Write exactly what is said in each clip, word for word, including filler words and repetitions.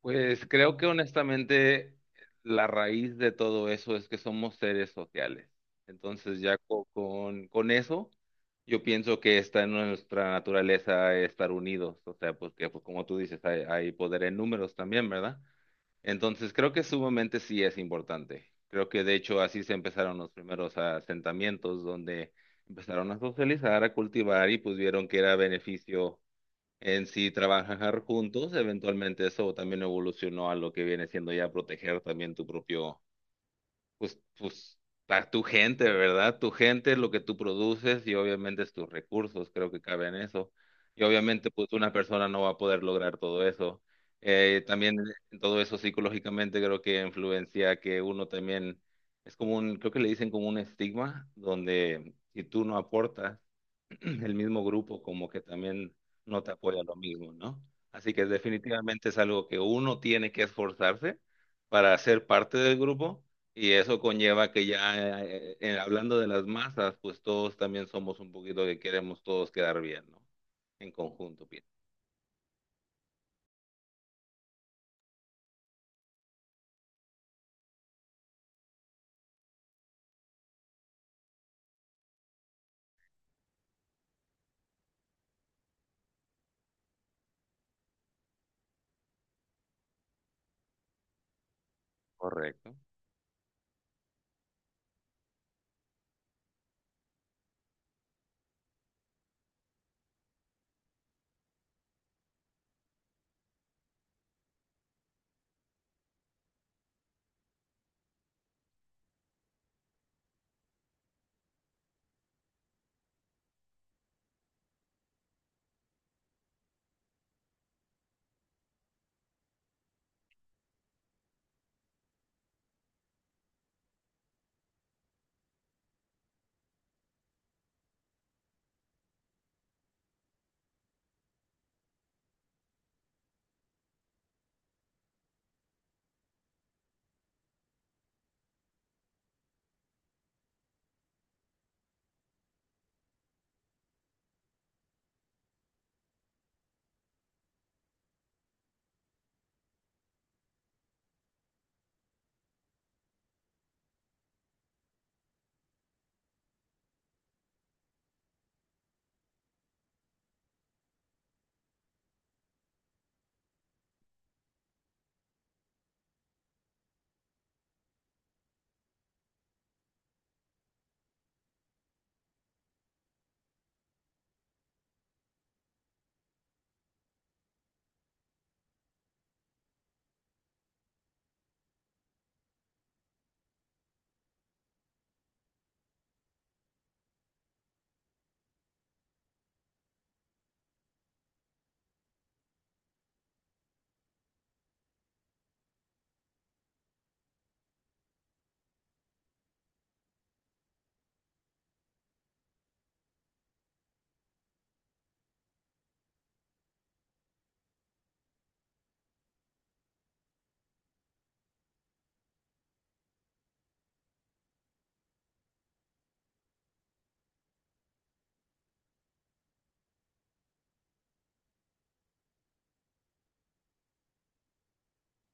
Pues creo que honestamente la raíz de todo eso es que somos seres sociales. Entonces ya co- con, con eso yo pienso que está en nuestra naturaleza estar unidos. O sea, porque pues, como tú dices, hay, hay poder en números también, ¿verdad? Entonces creo que sumamente sí es importante. Creo que de hecho así se empezaron los primeros asentamientos donde empezaron a socializar, a cultivar y pues vieron que era beneficio en sí, trabajar juntos, eventualmente eso también evolucionó a lo que viene siendo ya proteger también tu propio, pues, pues, a tu gente, ¿verdad? Tu gente, lo que tú produces y obviamente es tus recursos, creo que cabe en eso. Y obviamente, pues, una persona no va a poder lograr todo eso. Eh, también todo eso psicológicamente creo que influencia que uno también, es como un, creo que le dicen como un estigma, donde si tú no aportas, el mismo grupo como que también no te apoya lo mismo, ¿no? Así que definitivamente es algo que uno tiene que esforzarse para ser parte del grupo y eso conlleva que ya eh, eh, hablando de las masas, pues todos también somos un poquito que queremos todos quedar bien, ¿no? En conjunto, bien. Correcto.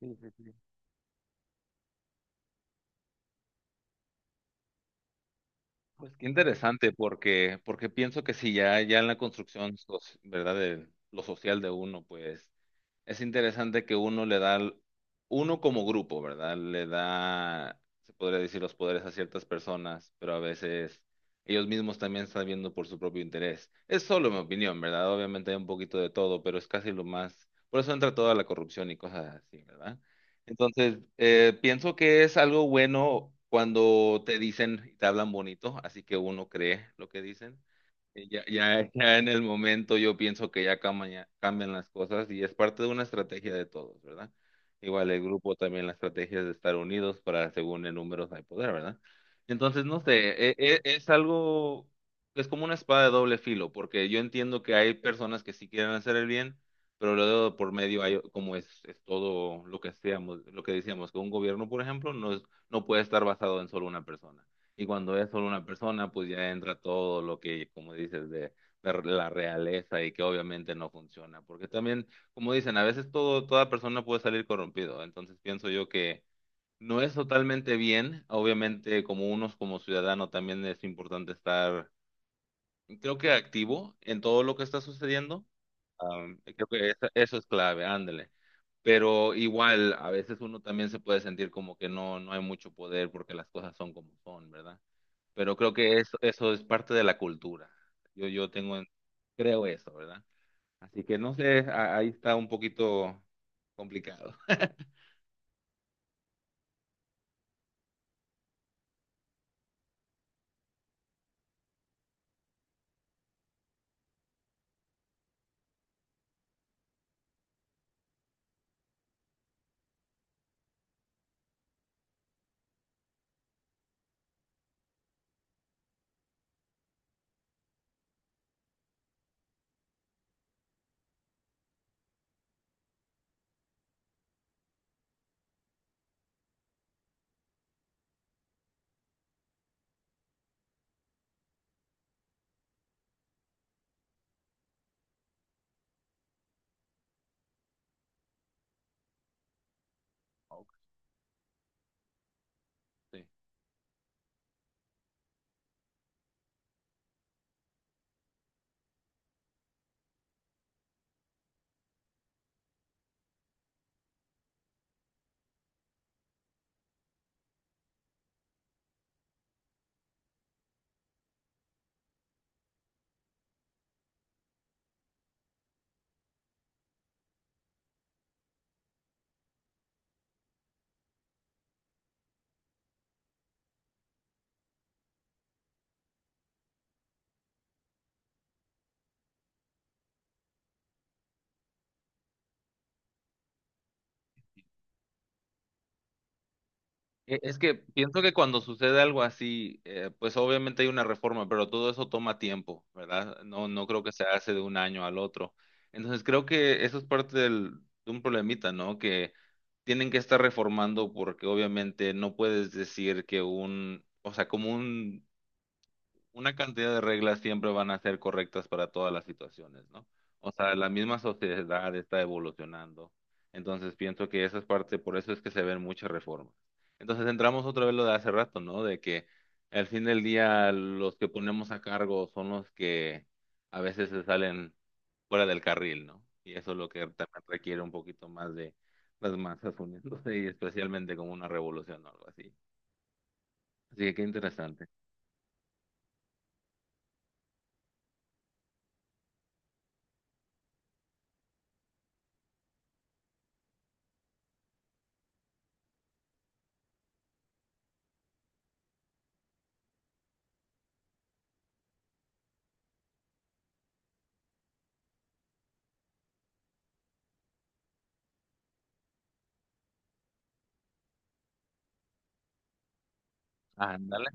Sí, sí, sí. Pues qué interesante porque porque pienso que si ya ya en la construcción, soci- ¿verdad? De lo social de uno, pues es interesante que uno le da, al- uno como grupo, ¿verdad? Le da, se podría decir, los poderes a ciertas personas, pero a veces ellos mismos también están viendo por su propio interés. Es solo mi opinión, ¿verdad? Obviamente hay un poquito de todo, pero es casi lo más, por eso entra toda la corrupción y cosas así, ¿verdad? Entonces, eh, pienso que es algo bueno cuando te dicen y te hablan bonito, así que uno cree lo que dicen. Ya, ya, ya en el momento yo pienso que ya cama- ya cambian las cosas y es parte de una estrategia de todos, ¿verdad? Igual el grupo también la estrategia es de estar unidos para según en números hay poder, ¿verdad? Entonces, no sé, e- e- es, algo, es como una espada de doble filo, porque yo entiendo que hay personas que sí quieren hacer el bien, pero luego por medio hay, como es, es todo lo que seamos, lo que decíamos, que un gobierno, por ejemplo, no es- no puede estar basado en solo una persona. Y cuando es solo una persona, pues ya entra todo lo que, como dices, de, de la realeza y que obviamente no funciona. Porque también, como dicen, a veces todo, toda persona puede salir corrompido. Entonces pienso yo que no es totalmente bien. Obviamente, como unos como ciudadano, también es importante estar, creo que activo en todo lo que está sucediendo. Am, creo que esa- eso es clave, ándale. Pero igual, a veces uno también se puede sentir como que no, no hay mucho poder porque las cosas son como son, ¿verdad? Pero creo que eso, eso es parte de la cultura. Yo, yo tengo, en- creo eso, ¿verdad? Así que no sé, a- ahí está un poquito complicado. Ok, sí. E- Es que pienso que cuando sucede algo así, eh, pues obviamente hay una reforma, pero todo eso toma tiempo, ¿verdad? No, no creo que se hace de un año al otro. Entonces creo que eso es parte del- de un problemita, ¿no? Que tienen que estar reformando porque obviamente no puedes decir que un, o sea, como un una cantidad de reglas siempre van a ser correctas para todas las situaciones, ¿no? O sea, la misma sociedad está evolucionando. Entonces pienso que esa es parte, por eso es que se ven muchas reformas. Entonces entramos otra vez lo de hace rato, ¿no? De que al fin del día los que ponemos a cargo son los que a veces se salen fuera del carril, ¿no? Y eso es lo que también requiere un poquito más de las masas uniéndose y especialmente como una revolución o algo así. Así que qué interesante. Ándale.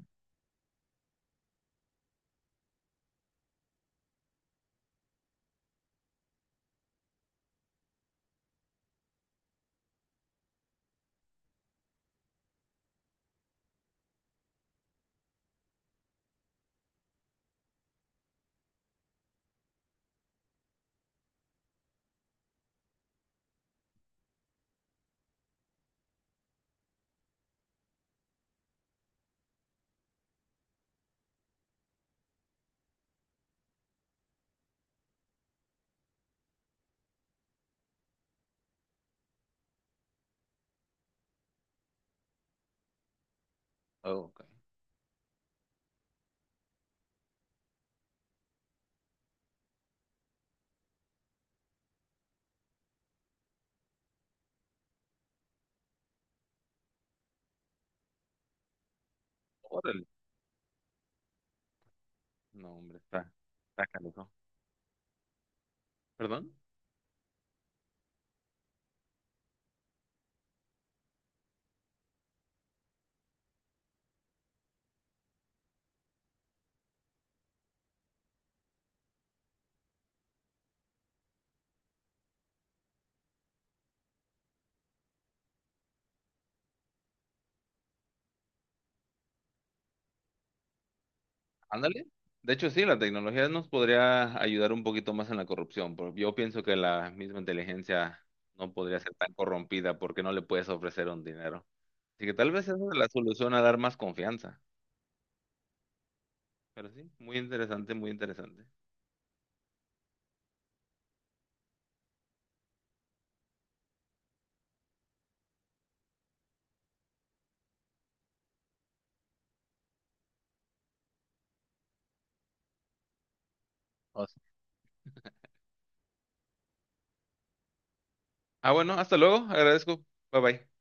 Oh, ok. Órale. No, hombre, está, está canijo. ¿Perdón? Ándale. De hecho, sí, la tecnología nos podría ayudar un poquito más en la corrupción, pero yo pienso que la misma inteligencia no podría ser tan corrompida porque no le puedes ofrecer un dinero. Así que tal vez esa es la solución a dar más confianza. Pero sí, muy interesante, muy interesante. Awesome. Ah, bueno, hasta luego. Agradezco. Bye bye.